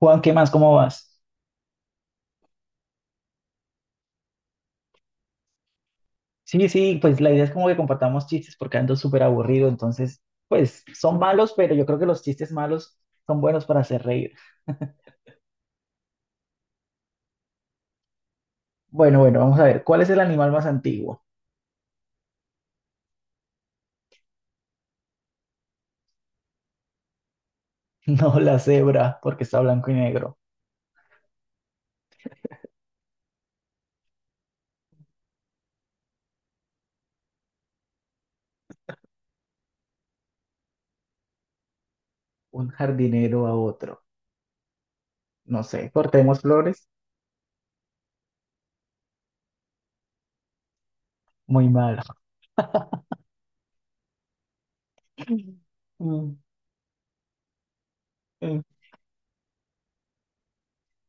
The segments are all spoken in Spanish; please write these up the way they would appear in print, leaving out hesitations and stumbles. Juan, ¿qué más? ¿Cómo vas? Sí, sí, pues la idea es como que compartamos chistes porque ando súper aburrido, entonces, pues son malos, pero yo creo que los chistes malos son buenos para hacer reír. Bueno, bueno, vamos a ver, ¿cuál es el animal más antiguo? No, la cebra, porque está blanco y negro. Un jardinero a otro. No sé, cortemos flores. Muy malo. Mm, mm.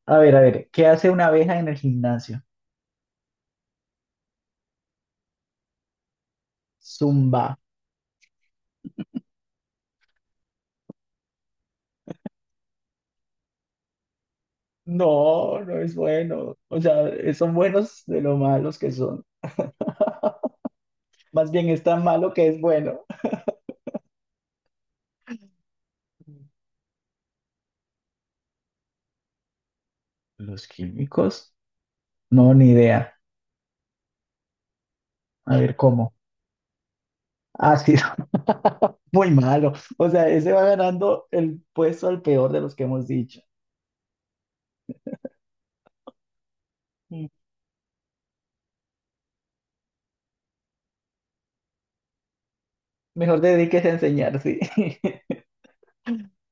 A ver, ¿qué hace una abeja en el gimnasio? Zumba. No, no es bueno. O sea, son buenos de lo malos que son. Más bien es tan malo que es bueno. ¿Los químicos? No, ni idea. A ver cómo. Ácido, muy malo. O sea, ese va ganando el puesto al peor de los que hemos dicho. Mm. Mejor dediques a enseñar, sí.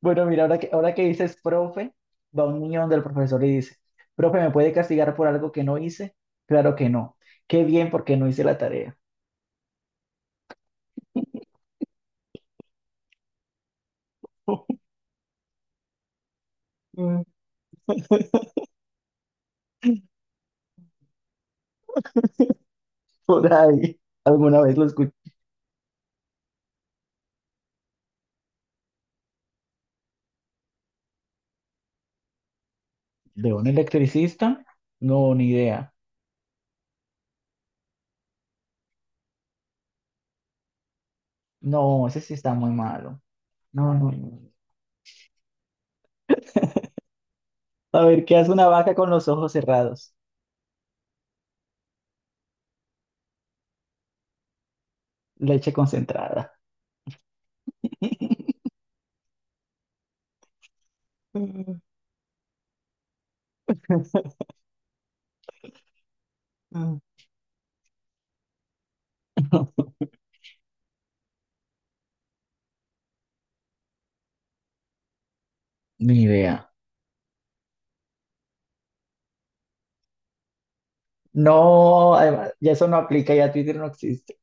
Bueno, mira, ahora que dices profe, va un niño donde el profesor y dice, profe, ¿me puede castigar por algo que no hice? Claro que no. Qué bien porque no hice la tarea. Mm. Por ahí, ¿alguna vez lo escuché? ¿De un electricista? No, ni idea. No, ese sí está muy malo. No, no, no, no. A ver, ¿qué hace una vaca con los ojos cerrados? Leche concentrada. Mm, mm. Ni idea. No, además, ya eso no aplica, ya Twitter no existe.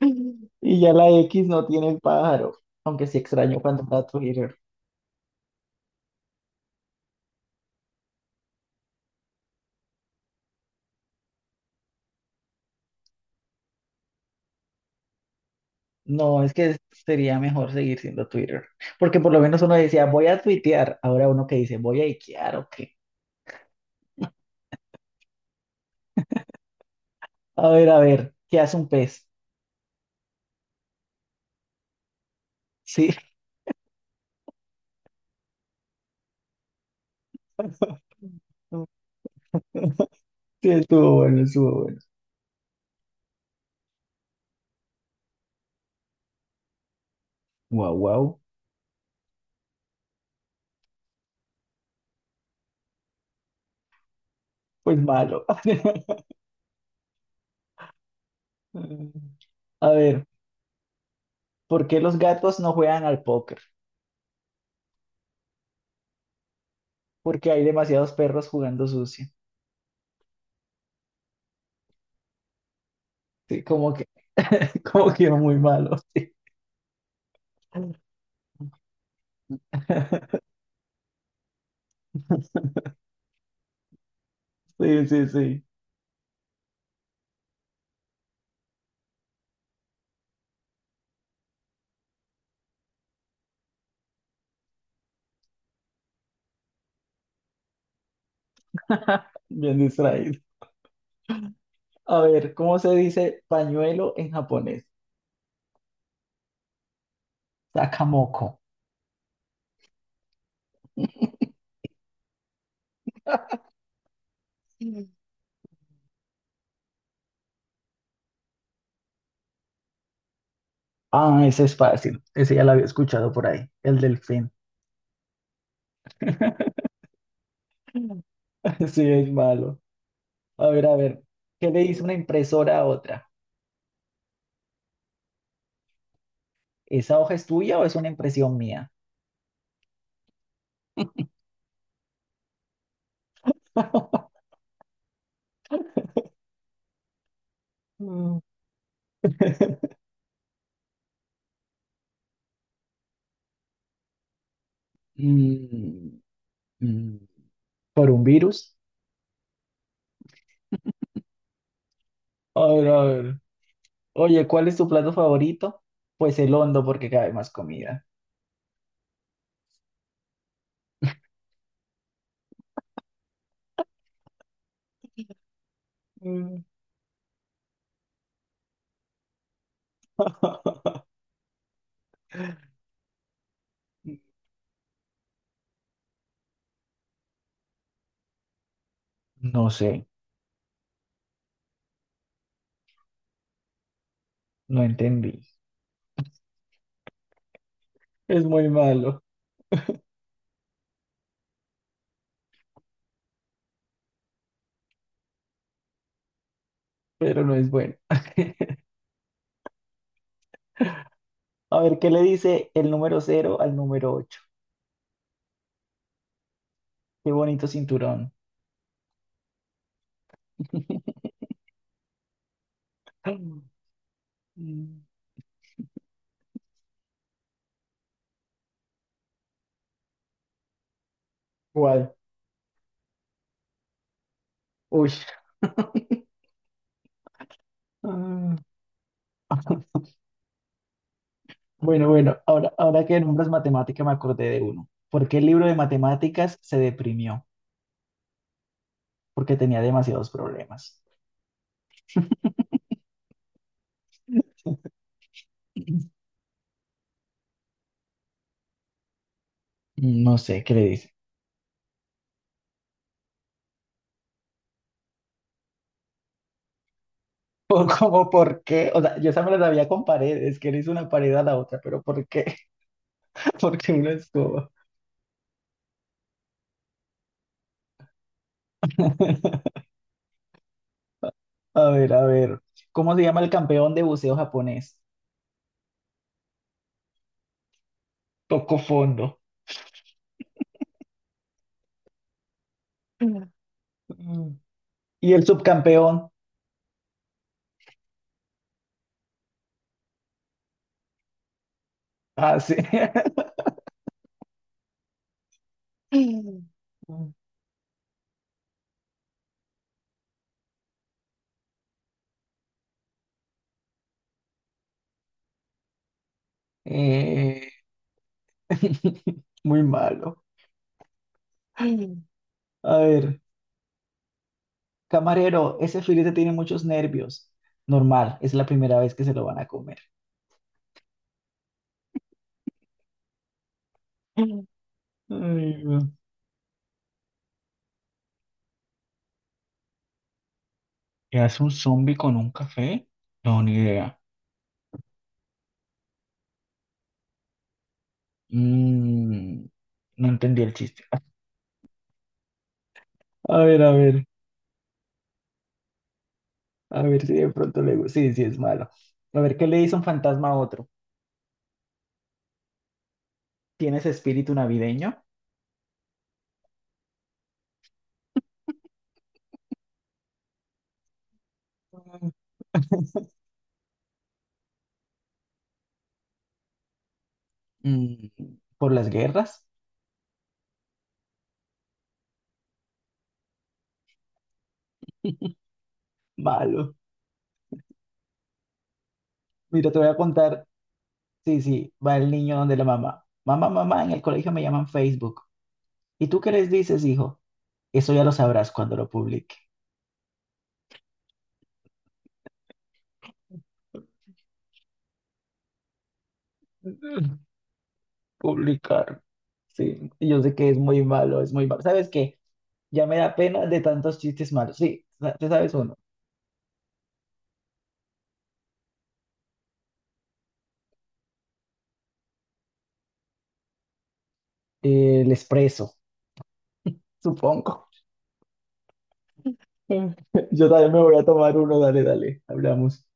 Y ya la X no tiene el pájaro, aunque sí extraño cuando era Twitter. No, es que sería mejor seguir siendo Twitter, porque por lo menos uno decía, voy a tuitear, ahora uno que dice, voy a ikear o qué. A ver, ¿qué hace un pez? Sí. Sí, estuvo bueno, estuvo bueno. Guau, guau. Pues malo. A ver, ¿por qué los gatos no juegan al póker? Porque hay demasiados perros jugando sucio. Sí, como que, como que muy malo. Sí, sí, sí, sí. Bien distraído. A ver, ¿cómo se dice pañuelo en japonés? Sakamoko. Mm. Ah, ese es fácil. Ese ya lo había escuchado por ahí. El delfín. Sí, es malo. A ver, ¿qué le dice una impresora a otra? ¿Esa hoja es tuya o es una impresión mía? Mm, Mm, mm, ¿Por un virus? A ver, a ver. Oye, ¿cuál es tu plato favorito? Pues el hondo, porque cabe más comida. mm. No sé, no entendí. Es muy malo, pero no es bueno. A ver, ¿qué le dice el número cero al número ocho? Qué bonito cinturón. Mm, ¿Cuál? Uy. Ah, bueno, bueno, ahora que nombras matemática me acordé de uno. ¿Por qué el libro de matemáticas se deprimió? Porque tenía demasiados problemas. No sé qué le dice. O como por qué, o sea, yo esa me la sabía con paredes, que le hizo una pared a la otra, pero ¿por qué? Porque una escoba. A ver, a ver. ¿Cómo se llama el campeón de buceo japonés? Tocó fondo. Mm. ¿Y el subcampeón? Ah, sí. Mm. Eh, muy malo. Mm. A ver, camarero, ese filete tiene muchos nervios. Normal, es la primera vez que se lo van a comer. Mm. Ay, güey. ¿Qué hace un zombie con un café? No, ni idea. Mm, no entendí el chiste. A ver, a ver, a ver si de pronto le gusta. Sí, sí, es malo. A ver, ¿qué le dice un fantasma a otro? ¿Tienes espíritu navideño? Mm, ¿por las guerras? Malo. Mira, te voy a contar. Sí, sí, va el niño donde la mamá. Mamá, mamá, en el colegio me llaman Facebook. ¿Y tú qué les dices, hijo? Eso ya lo sabrás cuando lo publique. Publicar. Sí, y yo sé que es muy malo, es muy malo. ¿Sabes qué? Ya me da pena de tantos chistes malos. Sí, sa- ¿te sabes uno? El expreso, supongo. Yo también me voy a tomar uno, dale, dale, hablamos.